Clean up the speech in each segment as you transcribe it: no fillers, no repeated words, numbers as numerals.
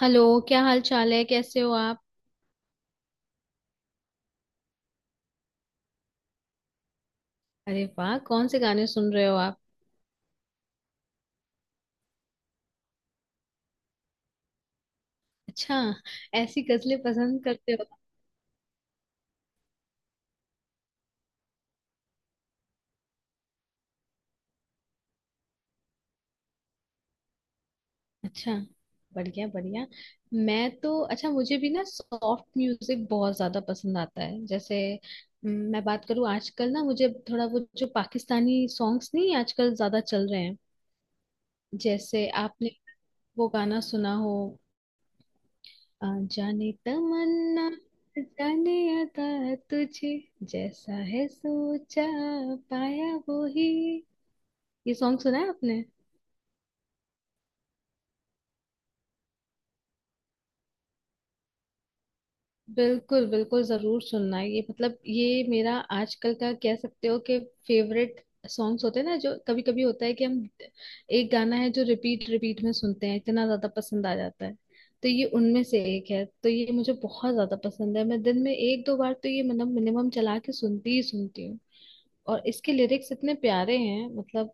Hello. क्या हाल चाल है, कैसे हो आप? अरे वाह, कौन से गाने सुन रहे हो आप? अच्छा, ऐसी गजलें पसंद करते हो? अच्छा। बढ़िया बढ़िया। मैं तो अच्छा, मुझे भी ना सॉफ्ट म्यूजिक बहुत ज्यादा पसंद आता है। जैसे मैं बात करूँ, आजकल ना मुझे थोड़ा वो जो पाकिस्तानी सॉन्ग्स नहीं आजकल ज्यादा चल रहे हैं। जैसे आपने वो गाना सुना हो। आ जाने तमन्ना, जाने अता तुझे, जैसा है सोचा पाया वो ही। ये सॉन्ग सुना है आपने? बिल्कुल बिल्कुल, जरूर सुनना। ये मतलब ये मेरा आजकल का कह सकते हो कि फेवरेट सॉन्ग्स होते हैं ना। जो कभी कभी होता है कि हम एक गाना है जो रिपीट रिपीट में सुनते हैं, इतना ज्यादा पसंद आ जाता है। तो ये उनमें से एक है, तो ये मुझे बहुत ज्यादा पसंद है। मैं दिन में एक दो बार तो ये मतलब मिनिमम चला के सुनती ही सुनती हूँ। और इसके लिरिक्स इतने प्यारे हैं मतलब,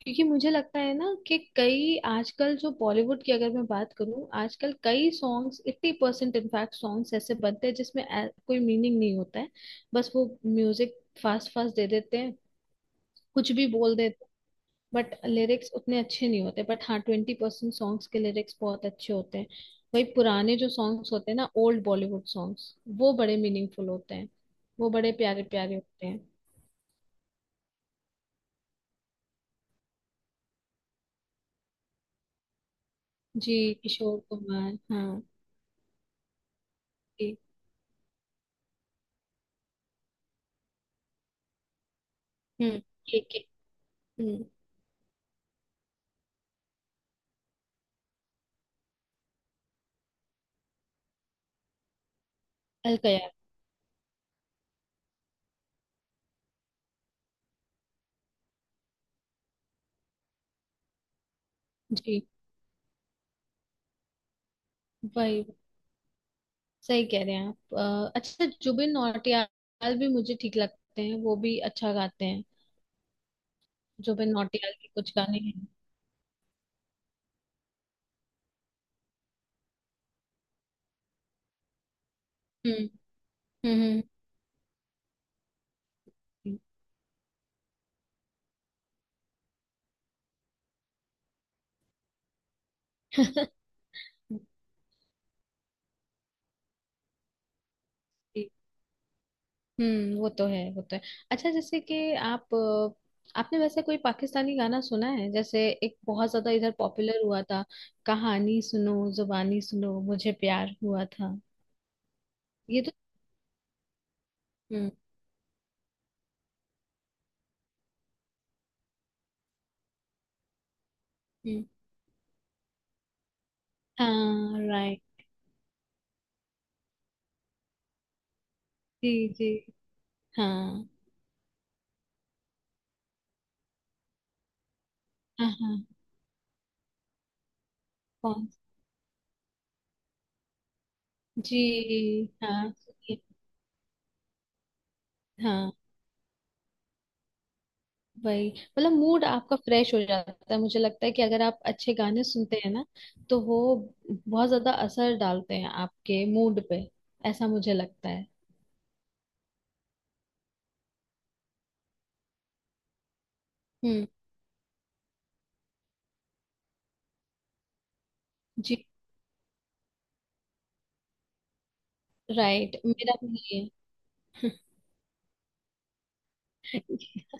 क्योंकि मुझे लगता है ना कि कई आजकल जो बॉलीवुड की अगर मैं बात करूं, आजकल कई सॉन्ग्स 80% इनफैक्ट सॉन्ग्स ऐसे बनते हैं जिसमें कोई मीनिंग नहीं होता है। बस वो म्यूजिक फास्ट फास्ट दे देते हैं, कुछ भी बोल देते हैं। बट लिरिक्स उतने अच्छे नहीं होते, बट हाँ 20% सॉन्ग्स के लिरिक्स बहुत अच्छे होते हैं। वही पुराने जो सॉन्ग्स होते हैं ना, ओल्ड बॉलीवुड सॉन्ग्स, वो बड़े मीनिंगफुल होते हैं। वो बड़े प्यारे प्यारे होते हैं। जी। किशोर कुमार, हाँ। जी। हम्म। के। हम्म। अलकयार। जी। वही। सही कह रहे हैं आप। अच्छा जुबिन नौटियाल भी मुझे ठीक लगते हैं, वो भी अच्छा गाते हैं। जुबिन नौटियाल के कुछ गाने हैं। हम्म। हम्म। हम्म। जी। हम्म। वो तो है वो तो है। अच्छा, जैसे कि आप आपने वैसे कोई पाकिस्तानी गाना सुना है, जैसे एक बहुत ज्यादा इधर पॉपुलर हुआ था, कहानी सुनो जुबानी सुनो मुझे प्यार हुआ था? ये तो। हम्म। हम्म। हाँ राइट। जी जी। हाँ। हाँ हाँ। कौन। जी। हाँ सुनिए। हाँ वही, मतलब मूड आपका फ्रेश हो जाता है। मुझे लगता है कि अगर आप अच्छे गाने सुनते हैं ना तो वो बहुत ज्यादा असर डालते हैं आपके मूड पे। ऐसा मुझे लगता है। हम्म। जी राइट, मेरा भी ये है।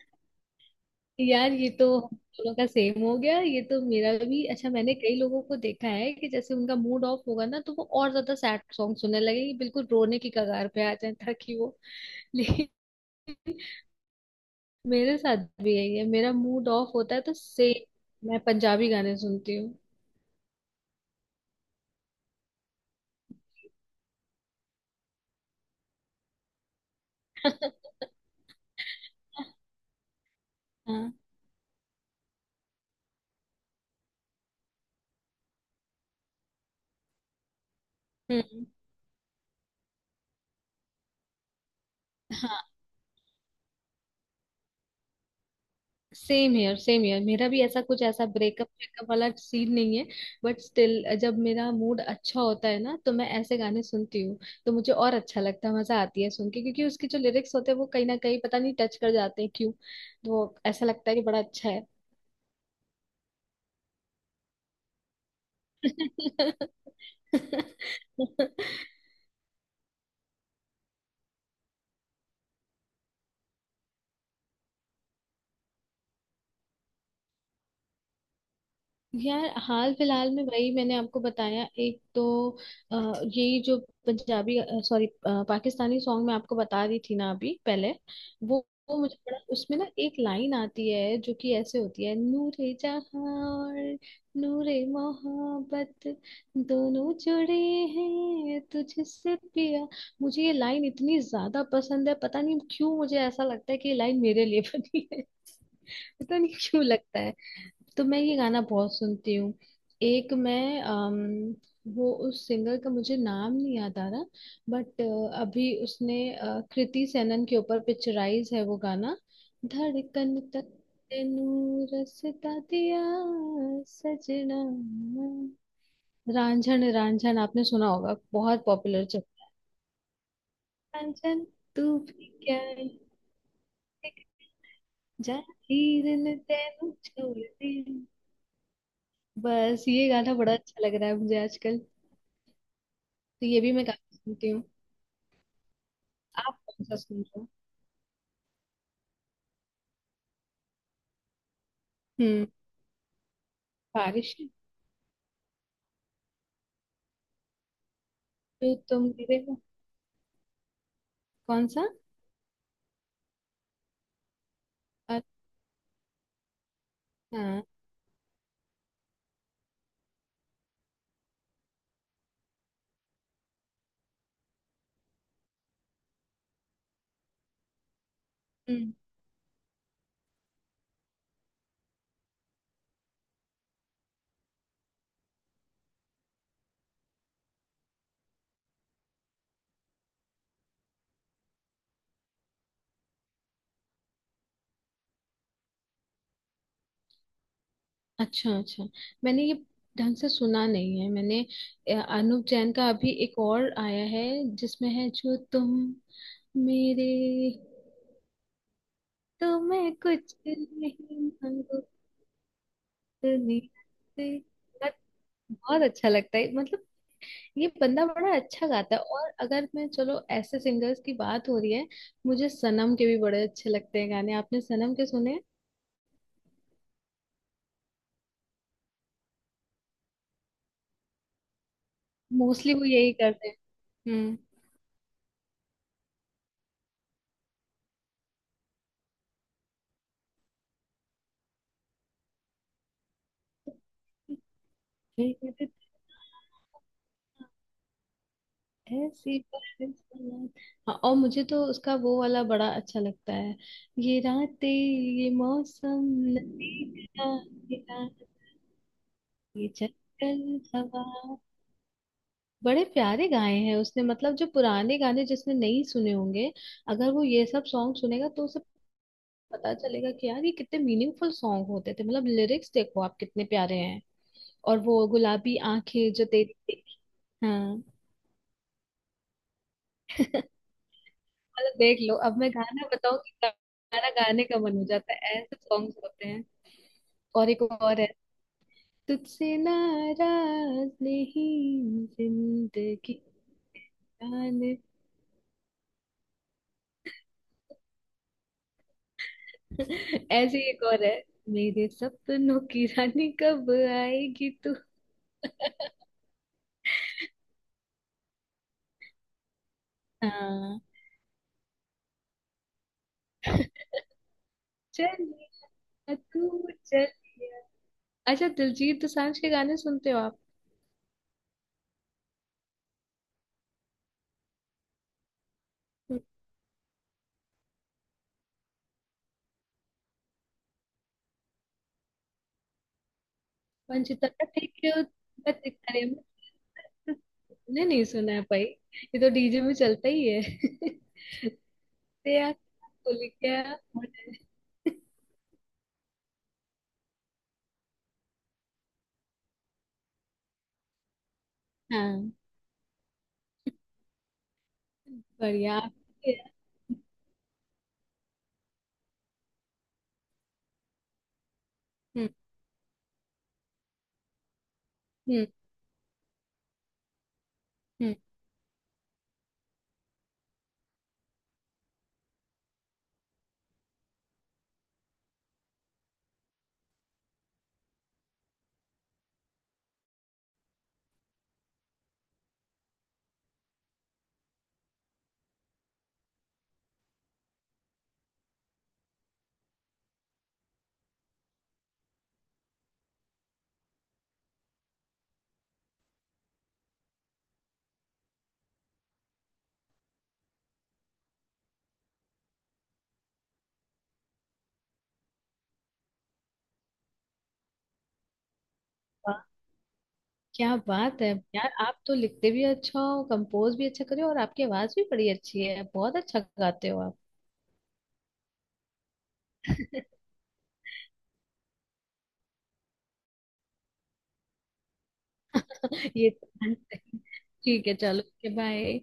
यार, ये तो हम दोनों का सेम हो गया। ये तो मेरा भी अच्छा। मैंने कई लोगों को देखा है कि जैसे उनका मूड ऑफ होगा ना तो वो और ज्यादा सैड सॉन्ग सुनने लगे, कि बिल्कुल रोने की कगार पे आ जाए ताकि वो। ले, मेरे साथ भी यही है। मेरा मूड ऑफ होता है तो से मैं पंजाबी गाने सुनती हूँ। हाँ। हम्म। हाँ, सेम हियर सेम हियर। मेरा भी ऐसा कुछ, ऐसा ब्रेकअप ब्रेकअप वाला सीन नहीं है। बट स्टिल जब मेरा मूड अच्छा होता है ना तो मैं ऐसे गाने सुनती हूँ, तो मुझे और अच्छा लगता है। मजा आती है सुन के, क्योंकि उसके जो लिरिक्स होते हैं वो कहीं ना कहीं पता नहीं टच कर जाते हैं क्यों, तो वो ऐसा लगता है कि बड़ा अच्छा है। यार, हाल फिलहाल में वही मैंने आपको बताया। एक तो यही जो पंजाबी, सॉरी पाकिस्तानी सॉन्ग मैं आपको बता रही थी ना अभी पहले। वो मुझे बड़ा, उसमें ना एक लाइन आती है जो कि ऐसे होती है, नूरे जहां और नूरे मोहब्बत दोनों जुड़े हैं तुझसे पिया। मुझे ये लाइन इतनी ज्यादा पसंद है, पता नहीं क्यों मुझे ऐसा लगता है कि ये लाइन मेरे लिए बनी। पता नहीं क्यों लगता है। तो मैं ये गाना बहुत सुनती हूँ। एक मैं वो उस सिंगर का मुझे नाम नहीं याद आ रहा, बट अभी उसने कृति सेनन के ऊपर पिक्चराइज है वो गाना, धड़कन तक तेनू रसता दिया सजना। रांझन रांझन आपने सुना होगा, बहुत पॉपुलर चल। रांझन तू भी क्या है? जाहिर ने तेनू छोड़ दिया। बस ये गाना बड़ा अच्छा लग रहा है मुझे आजकल, तो ये भी मैं काफी सुनती हूँ। आप कौन सा सुन रहे हो? हम्म। बारिश है? जो तुम गिरे हो। कौन सा? अच्छा। हम्म। अच्छा अच्छा, मैंने ये ढंग से सुना नहीं है। मैंने अनूप जैन का अभी एक और आया है, जिसमें है जो तुम मेरे, तो मैं कुछ नहीं मांगू, दुनिया से। बहुत बहुत अच्छा लगता है मतलब। ये बंदा बड़ा अच्छा गाता है। और अगर मैं, चलो ऐसे सिंगर्स की बात हो रही है, मुझे सनम के भी बड़े अच्छे लगते हैं गाने। आपने सनम के सुने? मोस्टली वो यही करते हैं। हम्म। ठीक है। ऐसी बातें सुना। हाँ, और मुझे तो उसका वो वाला बड़ा अच्छा लगता है। ये रातें ये मौसम, नदी का ये रात, ये जंगल हवा। बड़े प्यारे गाए हैं उसने, मतलब जो पुराने गाने जिसने नहीं सुने होंगे, अगर वो ये सब सॉन्ग सुनेगा तो उसे पता चलेगा कि यार ये कितने मीनिंगफुल सॉन्ग होते थे। मतलब लिरिक्स देखो आप कितने प्यारे हैं। और वो गुलाबी आंखें जो तेरी थी। हाँ, मतलब देख लो, अब मैं गाना बताऊंगी, गाना गाने का मन हो जाता है, ऐसे सॉन्ग्स होते हैं। और एक और है, तुझसे नाराज नहीं जिंदगी। ऐसे ही एक और है, मेरे सपनों की रानी कब आएगी तू। हाँ। चलिया, तू चलिया। अच्छा, दिलजीत दोसांझ के गाने सुनते हो आप? पंचतंत्र के उत्पत्त करे नहीं नहीं, सुना है भाई, ये तो डीजे में चलता ही है। तेरा खुल गया मुझे। हाँ बढ़िया। हम्म। हम्म। हम्म। क्या बात है! यार आप तो लिखते भी अच्छा हो, कंपोज भी अच्छा करे हो, और आपकी आवाज भी बड़ी अच्छी है, बहुत अच्छा गाते हो आप। ये तो। ठीक है, चलो बाय।